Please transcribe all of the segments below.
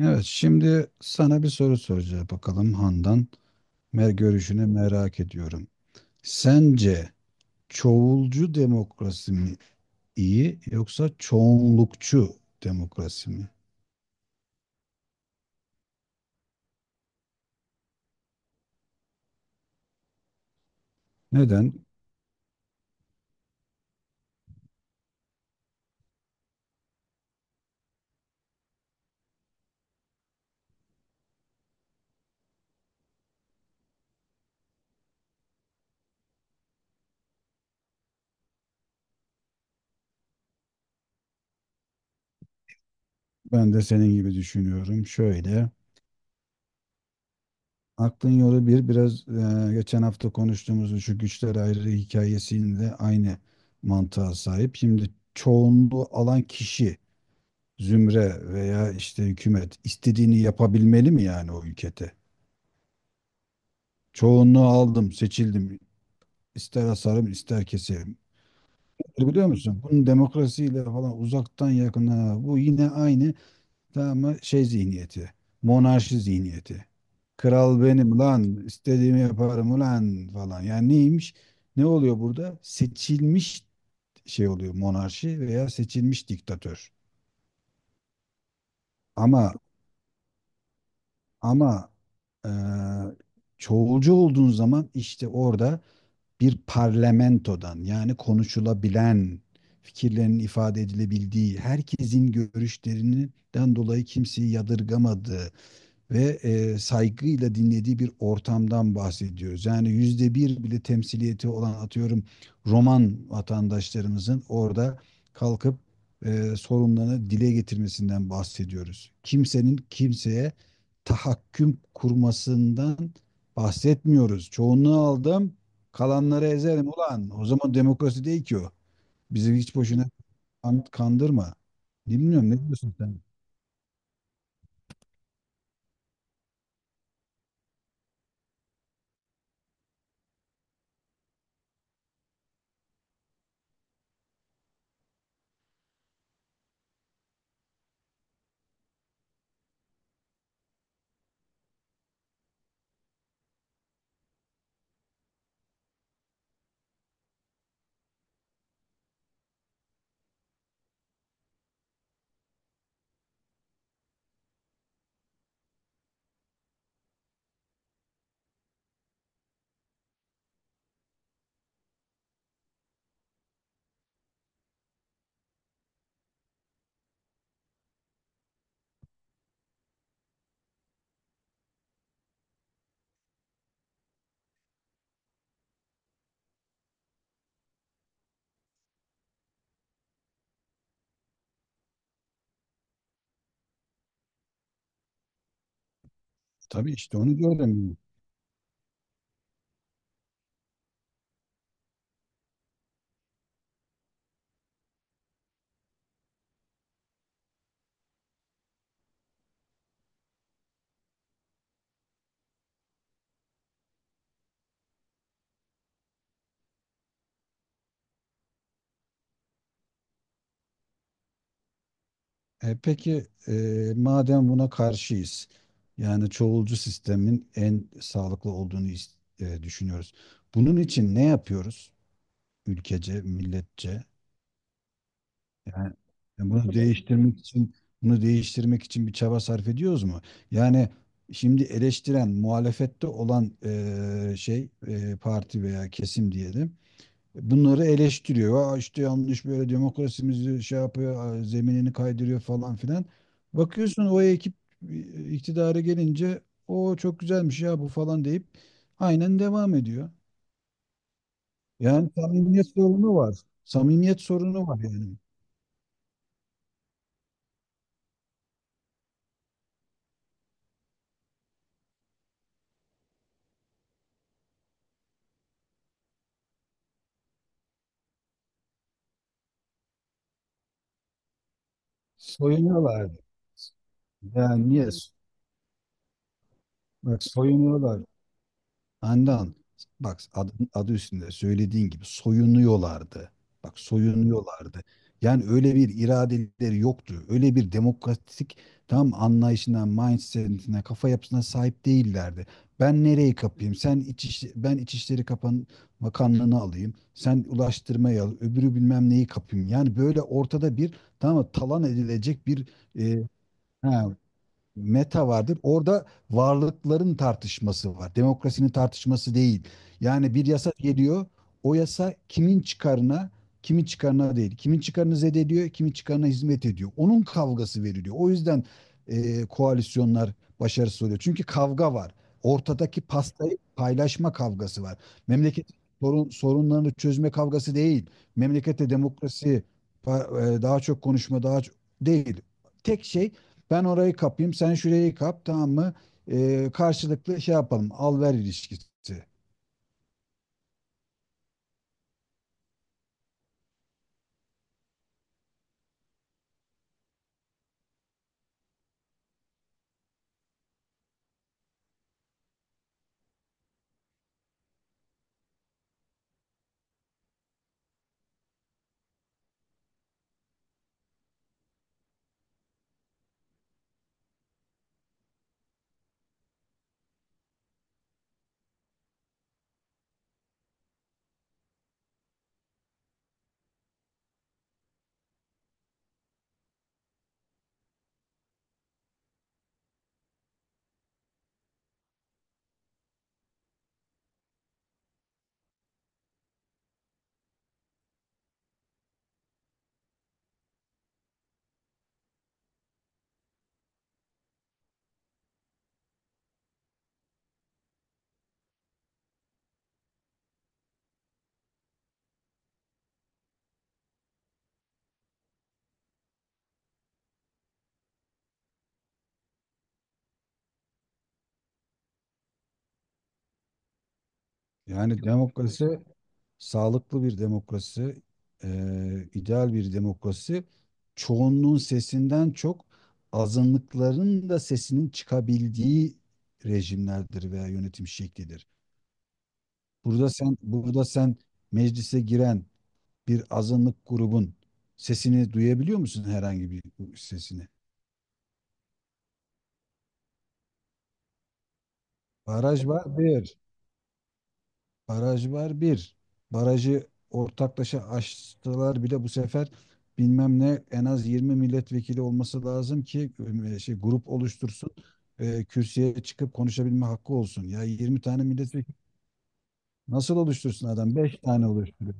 Evet, şimdi sana bir soru soracağım bakalım Handan. Mer görüşünü merak ediyorum. Sence çoğulcu demokrasi mi iyi yoksa çoğunlukçu demokrasi mi? Neden? Ben de senin gibi düşünüyorum. Şöyle, aklın yolu bir biraz geçen hafta konuştuğumuz şu güçler ayrılığı hikayesinde aynı mantığa sahip. Şimdi çoğunluğu alan kişi, zümre veya işte hükümet istediğini yapabilmeli mi yani o ülkede? Çoğunluğu aldım, seçildim. İster asarım, ister keserim. E Biliyor musun? Bunun demokrasiyle falan uzaktan yakına bu yine aynı, tamam mı? Şey zihniyeti. Monarşi zihniyeti. Kral benim lan, istediğimi yaparım ulan falan. Yani neymiş? Ne oluyor burada? Seçilmiş şey oluyor, monarşi veya seçilmiş diktatör. Ama ama eee çoğulcu olduğun zaman işte orada bir parlamentodan yani konuşulabilen, fikirlerin ifade edilebildiği, herkesin görüşlerinden dolayı kimseyi yadırgamadığı, ve saygıyla dinlediği bir ortamdan bahsediyoruz. Yani yüzde bir bile temsiliyeti olan atıyorum Roman vatandaşlarımızın orada kalkıp sorunlarını dile getirmesinden bahsediyoruz. Kimsenin kimseye tahakküm kurmasından bahsetmiyoruz. Çoğunluğu aldım, kalanları ezerim ulan. O zaman demokrasi değil ki o. Bizi hiç boşuna kandırma. Bilmiyorum, ne diyorsun sen? Tabii işte onu diyorum. Peki, madem buna karşıyız, yani çoğulcu sistemin en sağlıklı olduğunu düşünüyoruz. Bunun için ne yapıyoruz ülkece, milletçe? Yani bunu değiştirmek için bir çaba sarf ediyoruz mu? Yani şimdi eleştiren, muhalefette olan şey parti veya kesim diyelim bunları eleştiriyor. Aa işte yanlış böyle demokrasimizi şey yapıyor, zeminini kaydırıyor falan filan. Bakıyorsun o ekip iktidara gelince o çok güzelmiş ya bu falan deyip aynen devam ediyor. Yani samimiyet sorunu var. Samimiyet sorunu var yani. Soyunuyorlar. Yani niye? Bak soyunuyorlar. Handan, bak adı, adı üstünde söylediğin gibi soyunuyorlardı. Bak soyunuyorlardı. Yani öyle bir iradeleri yoktu. Öyle bir demokratik tam anlayışına, mindset'ine, kafa yapısına sahip değillerdi. Ben nereyi kapayım? Sen iç, ben İçişleri Kapan Bakanlığını alayım. Sen ulaştırmayı al. Öbürü bilmem neyi kapayım. Yani böyle ortada bir, tamam mı, talan edilecek bir e, ha, meta vardır. Orada varlıkların tartışması var. Demokrasinin tartışması değil. Yani bir yasa geliyor. O yasa kimin çıkarına, kimin çıkarına değil. Kimin çıkarını zedeliyor, kimin çıkarına hizmet ediyor. Onun kavgası veriliyor. O yüzden koalisyonlar başarısız oluyor. Çünkü kavga var. Ortadaki pastayı paylaşma kavgası var. Memleket sorunlarını çözme kavgası değil. Memlekette demokrasi daha çok konuşma, daha çok değil. Tek şey ben orayı kapayım, sen şurayı kap, tamam mı? Karşılıklı şey yapalım, al-ver ilişkisi. Yani demokrasi, sağlıklı bir demokrasi, ideal bir demokrasi, çoğunluğun sesinden çok azınlıkların da sesinin çıkabildiği rejimlerdir veya yönetim şeklidir. Burada sen, burada sen meclise giren bir azınlık grubun sesini duyabiliyor musun, herhangi bir sesini? Baraj var bir. Baraj var bir. Barajı ortaklaşa açtılar bile bu sefer bilmem ne en az 20 milletvekili olması lazım ki şey grup oluştursun. Kürsüye çıkıp konuşabilme hakkı olsun. Ya 20 tane milletvekili nasıl oluştursun adam? Beş tane oluşturuyor.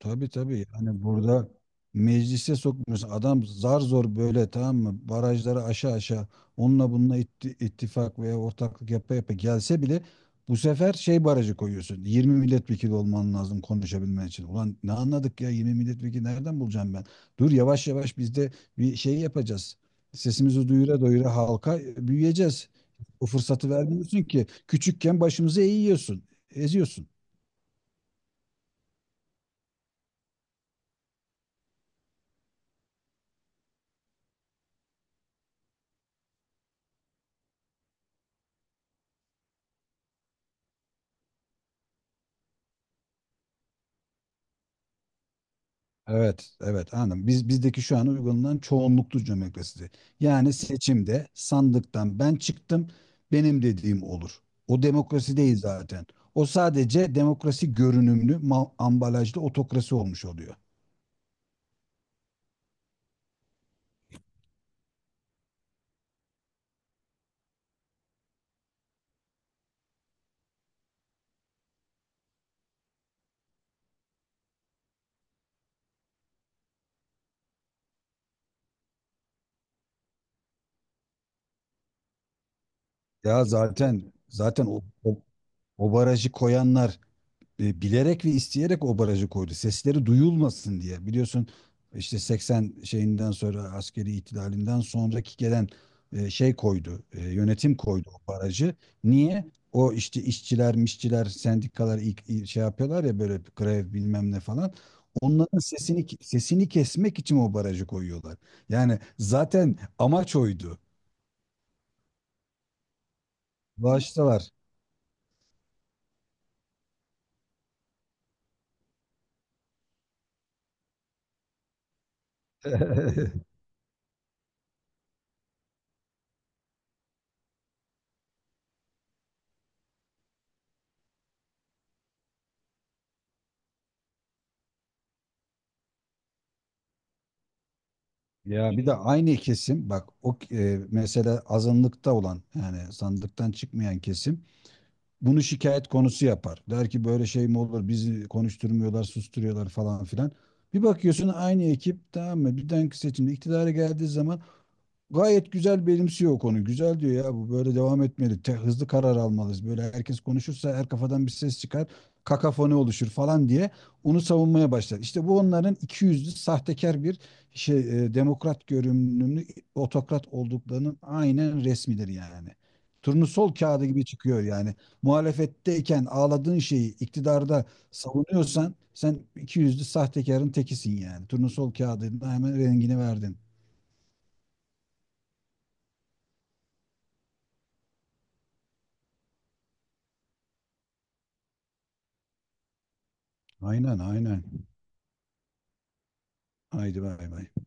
Tabii tabii, yani burada meclise sokmuyorsun. Adam zar zor böyle, tamam mı? Barajları aşağı aşağı onunla bununla ittifak veya ortaklık yapa yapa gelse bile bu sefer şey barajı koyuyorsun. 20 milletvekili olman lazım konuşabilmen için. Ulan ne anladık ya, 20 milletvekili nereden bulacağım ben? Dur yavaş yavaş biz de bir şey yapacağız. Sesimizi duyura duyura halka büyüyeceğiz. O fırsatı vermiyorsun ki. Küçükken başımızı eğiyorsun, eziyorsun. Evet, evet, anladım. Biz bizdeki şu an uygulanan çoğunluklu demokrasi. Yani seçimde sandıktan ben çıktım, benim dediğim olur. O demokrasi değil zaten. O sadece demokrasi görünümlü ambalajlı otokrasi olmuş oluyor. Ya zaten zaten o barajı koyanlar bilerek ve isteyerek o barajı koydu. Sesleri duyulmasın diye. Biliyorsun işte 80 şeyinden sonra askeri ihtilalinden sonraki gelen şey koydu. Yönetim koydu o barajı. Niye? O işte işçiler, mişçiler, sendikalar ilk şey yapıyorlar ya, böyle grev bilmem ne falan. Onların sesini kesmek için o barajı koyuyorlar. Yani zaten amaç oydu. Bağıştalar. Ya bir de aynı kesim bak o mesela azınlıkta olan yani sandıktan çıkmayan kesim bunu şikayet konusu yapar. Der ki böyle şey mi olur, bizi konuşturmuyorlar, susturuyorlar falan filan. Bir bakıyorsun aynı ekip, tamam mı, bir dahaki seçimde iktidara geldiği zaman gayet güzel benimsiyor o konu. Güzel diyor ya, bu böyle devam etmeli. Hızlı karar almalıyız. Böyle herkes konuşursa her kafadan bir ses çıkar. Kakafoni oluşur falan diye onu savunmaya başlar. İşte bu onların iki yüzlü sahtekar bir şey, demokrat görünümlü otokrat olduklarının aynen resmidir yani. Turnusol kağıdı gibi çıkıyor yani. Muhalefetteyken ağladığın şeyi iktidarda savunuyorsan sen iki yüzlü sahtekarın tekisin yani. Turnusol kağıdına hemen rengini verdin. Aynen aynen. Haydi bay bay.